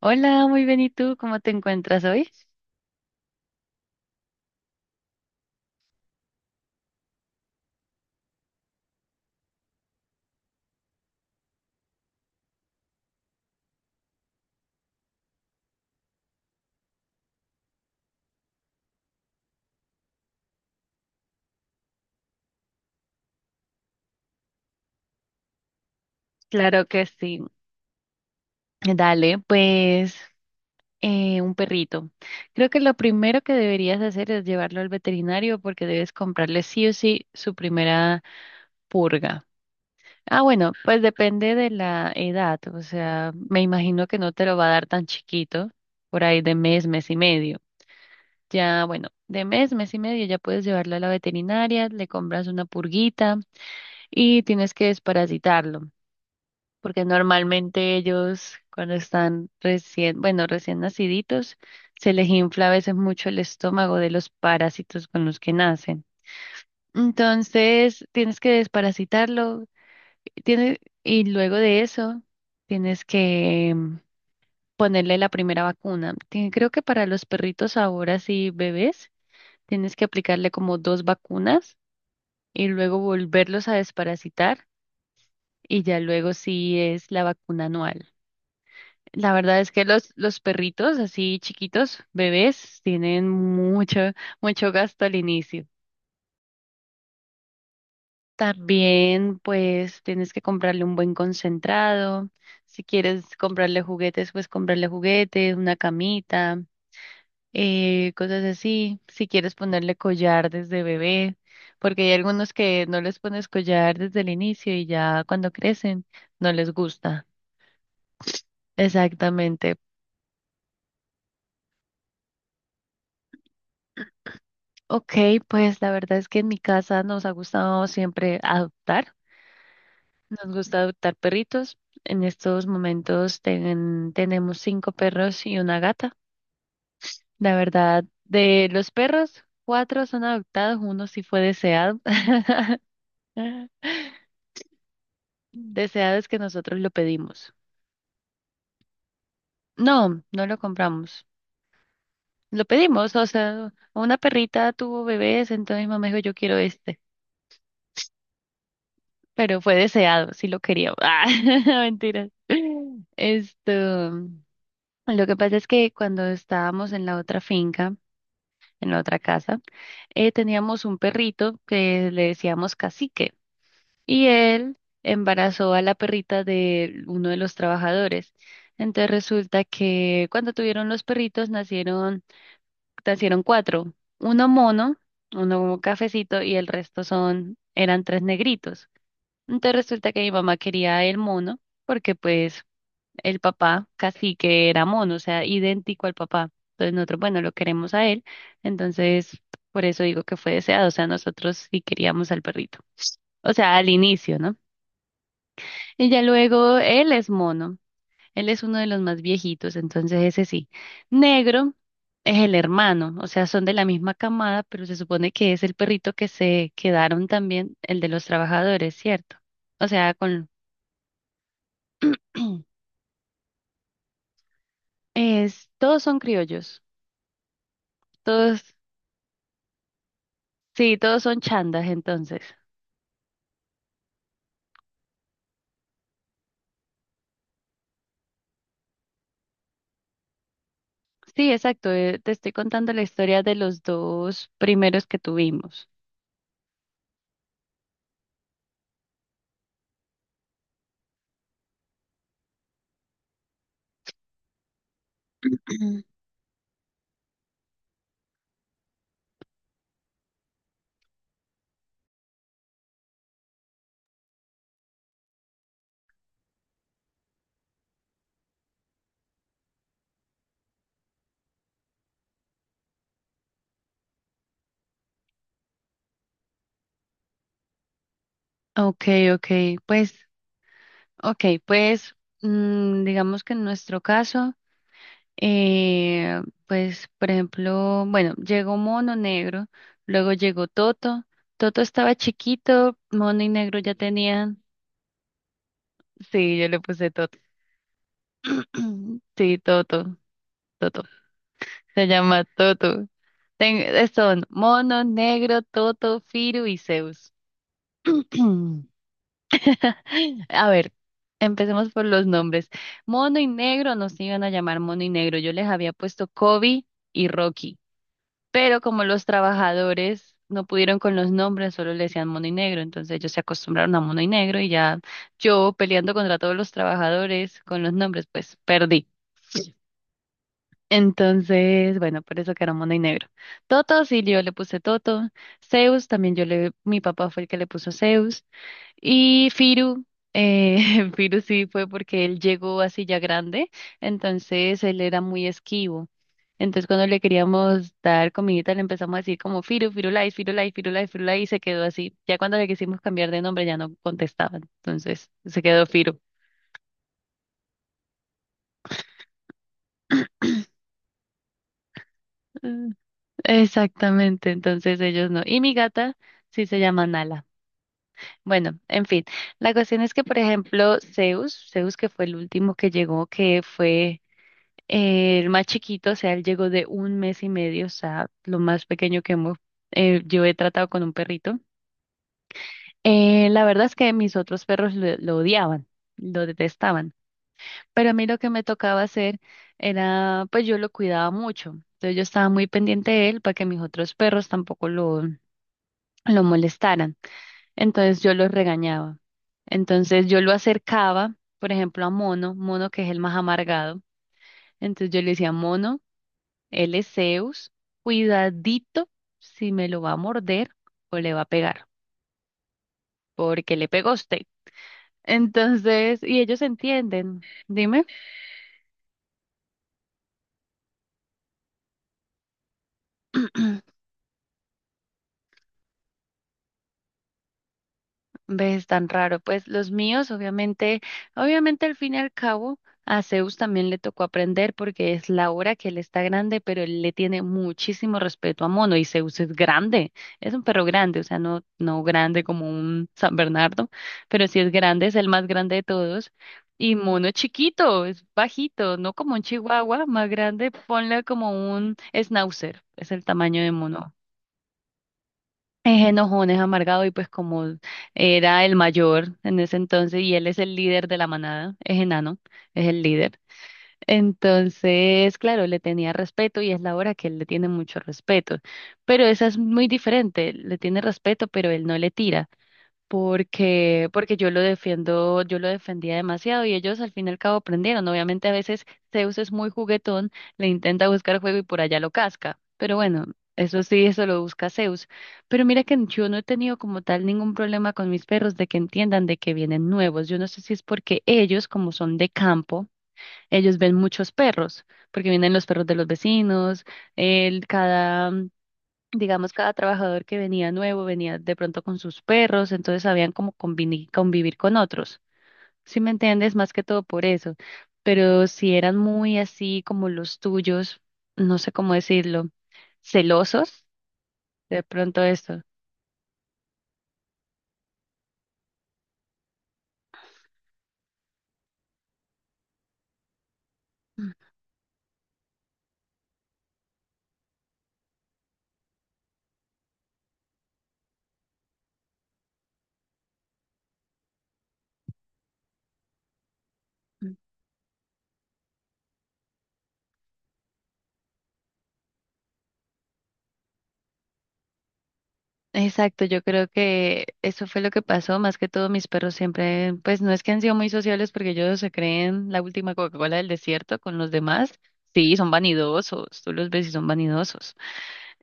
Hola, muy bien. ¿Y tú cómo te encuentras hoy? Claro que sí. Dale, pues un perrito. Creo que lo primero que deberías hacer es llevarlo al veterinario porque debes comprarle sí o sí su primera purga. Ah, bueno, pues depende de la edad. O sea, me imagino que no te lo va a dar tan chiquito, por ahí de mes, mes y medio. Ya, bueno, de mes, mes y medio ya puedes llevarlo a la veterinaria, le compras una purguita y tienes que desparasitarlo. Porque normalmente ellos cuando están recién, bueno, recién naciditos, se les infla a veces mucho el estómago de los parásitos con los que nacen. Entonces, tienes que desparasitarlo, y luego de eso, tienes que ponerle la primera vacuna. Creo que para los perritos ahora sí bebés, tienes que aplicarle como dos vacunas y luego volverlos a desparasitar y ya luego sí es la vacuna anual. La verdad es que los perritos así chiquitos, bebés, tienen mucho, mucho gasto al inicio. También, pues, tienes que comprarle un buen concentrado. Si quieres comprarle juguetes, pues comprarle juguetes, una camita, cosas así. Si quieres ponerle collar desde bebé, porque hay algunos que no les pones collar desde el inicio y ya cuando crecen no les gusta. Exactamente. Ok, pues la verdad es que en mi casa nos ha gustado siempre adoptar. Nos gusta adoptar perritos. En estos momentos tenemos cinco perros y una gata. La verdad, de los perros, cuatro son adoptados, uno sí fue deseado. Deseado es que nosotros lo pedimos. No, no lo compramos. Lo pedimos, o sea, una perrita tuvo bebés, entonces mi mamá dijo, yo quiero este. Pero fue deseado, sí lo quería. Ah, mentiras. Esto, lo que pasa es que cuando estábamos en la otra finca, en la otra casa, teníamos un perrito que le decíamos Cacique y él embarazó a la perrita de uno de los trabajadores. Entonces resulta que cuando tuvieron los perritos nacieron, nacieron cuatro, uno mono, uno cafecito y el resto son, eran tres negritos. Entonces resulta que mi mamá quería el mono, porque pues el papá casi que era mono, o sea, idéntico al papá. Entonces nosotros, bueno, lo queremos a él, entonces por eso digo que fue deseado, o sea, nosotros sí queríamos al perrito. O sea, al inicio, ¿no? Y ya luego él es mono, él es uno de los más viejitos, entonces ese sí. Negro es el hermano, o sea, son de la misma camada, pero se supone que es el perrito que se quedaron también, el de los trabajadores, ¿cierto? O sea, con... Es, todos son criollos, todos, sí, todos son chandas entonces. Sí, exacto, te estoy contando la historia de los dos primeros que tuvimos. Ok, ok, pues, ok, pues, digamos que en nuestro caso, eh, pues, por ejemplo, bueno, llegó Mono Negro, luego llegó Toto, Toto estaba chiquito, Mono y Negro ya tenían, sí, yo le puse Toto, sí, Toto, Toto. Se llama Toto. Son Mono, Negro, Toto, Firu y Zeus. A ver, empecemos por los nombres. Mono y Negro no se iban a llamar Mono y Negro. Yo les había puesto Kobe y Rocky, pero como los trabajadores no pudieron con los nombres, solo le decían Mono y Negro, entonces ellos se acostumbraron a Mono y Negro y ya yo peleando contra todos los trabajadores con los nombres, pues perdí. Entonces, bueno, por eso que era mono y negro. Toto, sí, yo le puse Toto. Zeus, también mi papá fue el que le puso Zeus. Y Firu, Firu sí fue porque él llegó así ya grande, entonces él era muy esquivo. Entonces cuando le queríamos dar comidita le empezamos a decir como Firu, Firulais, Firulais, Firulais, Firulais y se quedó así. Ya cuando le quisimos cambiar de nombre ya no contestaba, entonces se quedó Firu. Exactamente, entonces ellos no. Y mi gata sí se llama Nala. Bueno, en fin, la cuestión es que, por ejemplo, Zeus, Zeus que fue el último que llegó, que fue el más chiquito, o sea, él llegó de un mes y medio, o sea, lo más pequeño que yo he tratado con un perrito. La verdad es que mis otros perros lo odiaban, lo detestaban, pero a mí lo que me tocaba hacer era, pues yo lo cuidaba mucho, entonces yo estaba muy pendiente de él para que mis otros perros tampoco lo molestaran. Entonces yo los regañaba. Entonces yo lo acercaba, por ejemplo, a Mono, Mono que es el más amargado. Entonces yo le decía, Mono, él es Zeus, cuidadito si me lo va a morder o le va a pegar, porque le pegó a usted. Entonces, y ellos entienden. Dime. ¿Ves tan raro? Pues los míos, obviamente, obviamente al fin y al cabo, a Zeus también le tocó aprender porque es la hora que él está grande, pero él le tiene muchísimo respeto a Mono y Zeus es grande, es un perro grande, o sea, no grande como un San Bernardo, pero sí es grande, es el más grande de todos. Y Mono es chiquito, es bajito, no como un chihuahua más grande, ponle como un schnauzer, es el tamaño de Mono. Es enojón, es amargado y pues como era el mayor en ese entonces y él es el líder de la manada, es enano, es el líder. Entonces, claro, le tenía respeto y es la hora que él le tiene mucho respeto, pero esa es muy diferente, le tiene respeto, pero él no le tira porque, porque yo lo defiendo, yo lo defendía demasiado y ellos al fin y al cabo aprendieron. Obviamente a veces Zeus es muy juguetón, le intenta buscar juego y por allá lo casca, pero bueno, eso sí, eso lo busca Zeus. Pero mira que yo no he tenido como tal ningún problema con mis perros de que entiendan de que vienen nuevos. Yo no sé si es porque ellos, como son de campo, ellos ven muchos perros, porque vienen los perros de los vecinos, cada digamos, cada trabajador que venía nuevo venía de pronto con sus perros, entonces sabían cómo convivir con otros. ¿Si me entiendes? Más que todo por eso. Pero si eran muy así como los tuyos, no sé cómo decirlo, celosos, de pronto esto. Ujú. Exacto, yo creo que eso fue lo que pasó, más que todo mis perros siempre, pues no es que han sido muy sociables porque ellos se creen la última Coca-Cola del desierto con los demás. Sí, son vanidosos, tú los ves y son vanidosos.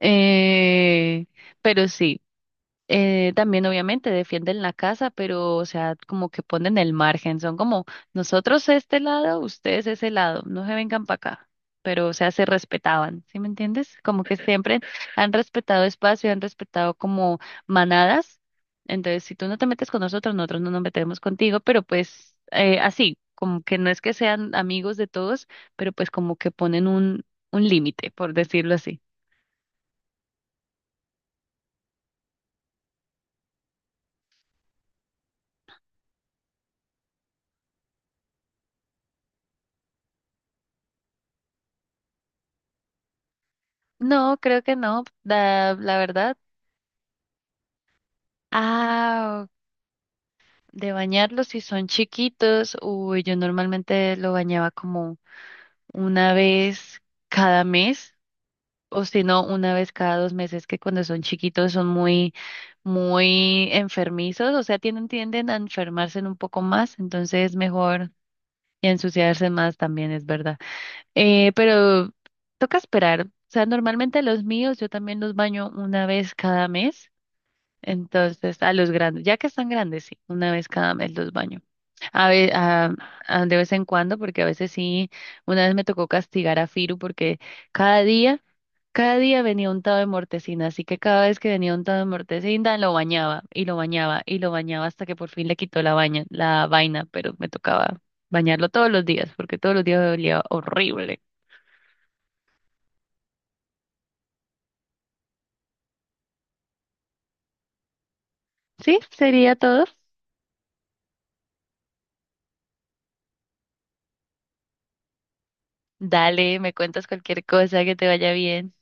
Eh, pero sí, también obviamente defienden la casa, pero o sea, como que ponen el margen, son como nosotros este lado, ustedes ese lado, no se vengan para acá, pero o sea, se respetaban, ¿sí me entiendes? Como que siempre han respetado espacio, han respetado como manadas, entonces si tú no te metes con nosotros, nosotros no nos metemos contigo, pero pues así, como que no es que sean amigos de todos, pero pues como que ponen un límite, por decirlo así. No, creo que no, la verdad. Ah, de bañarlos si son chiquitos, uy, yo normalmente lo bañaba como una vez cada mes, o si no, una vez cada dos meses, que cuando son chiquitos son muy, muy enfermizos, o sea, tienden, tienden a enfermarse un poco más, entonces mejor y a ensuciarse más también es verdad. Pero toca esperar, o sea, normalmente los míos yo también los baño una vez cada mes. Entonces, a los grandes, ya que están grandes, sí, una vez cada mes los baño. A ve- a- De vez en cuando, porque a veces sí, una vez me tocó castigar a Firu porque cada día, cada día venía untado de mortecina, así que cada vez que venía untado de mortecina lo bañaba y lo bañaba y lo bañaba hasta que por fin le quitó la vaina, pero me tocaba bañarlo todos los días porque todos los días me olía horrible. ¿Sí? ¿Sería todo? Dale, me cuentas cualquier cosa, que te vaya bien.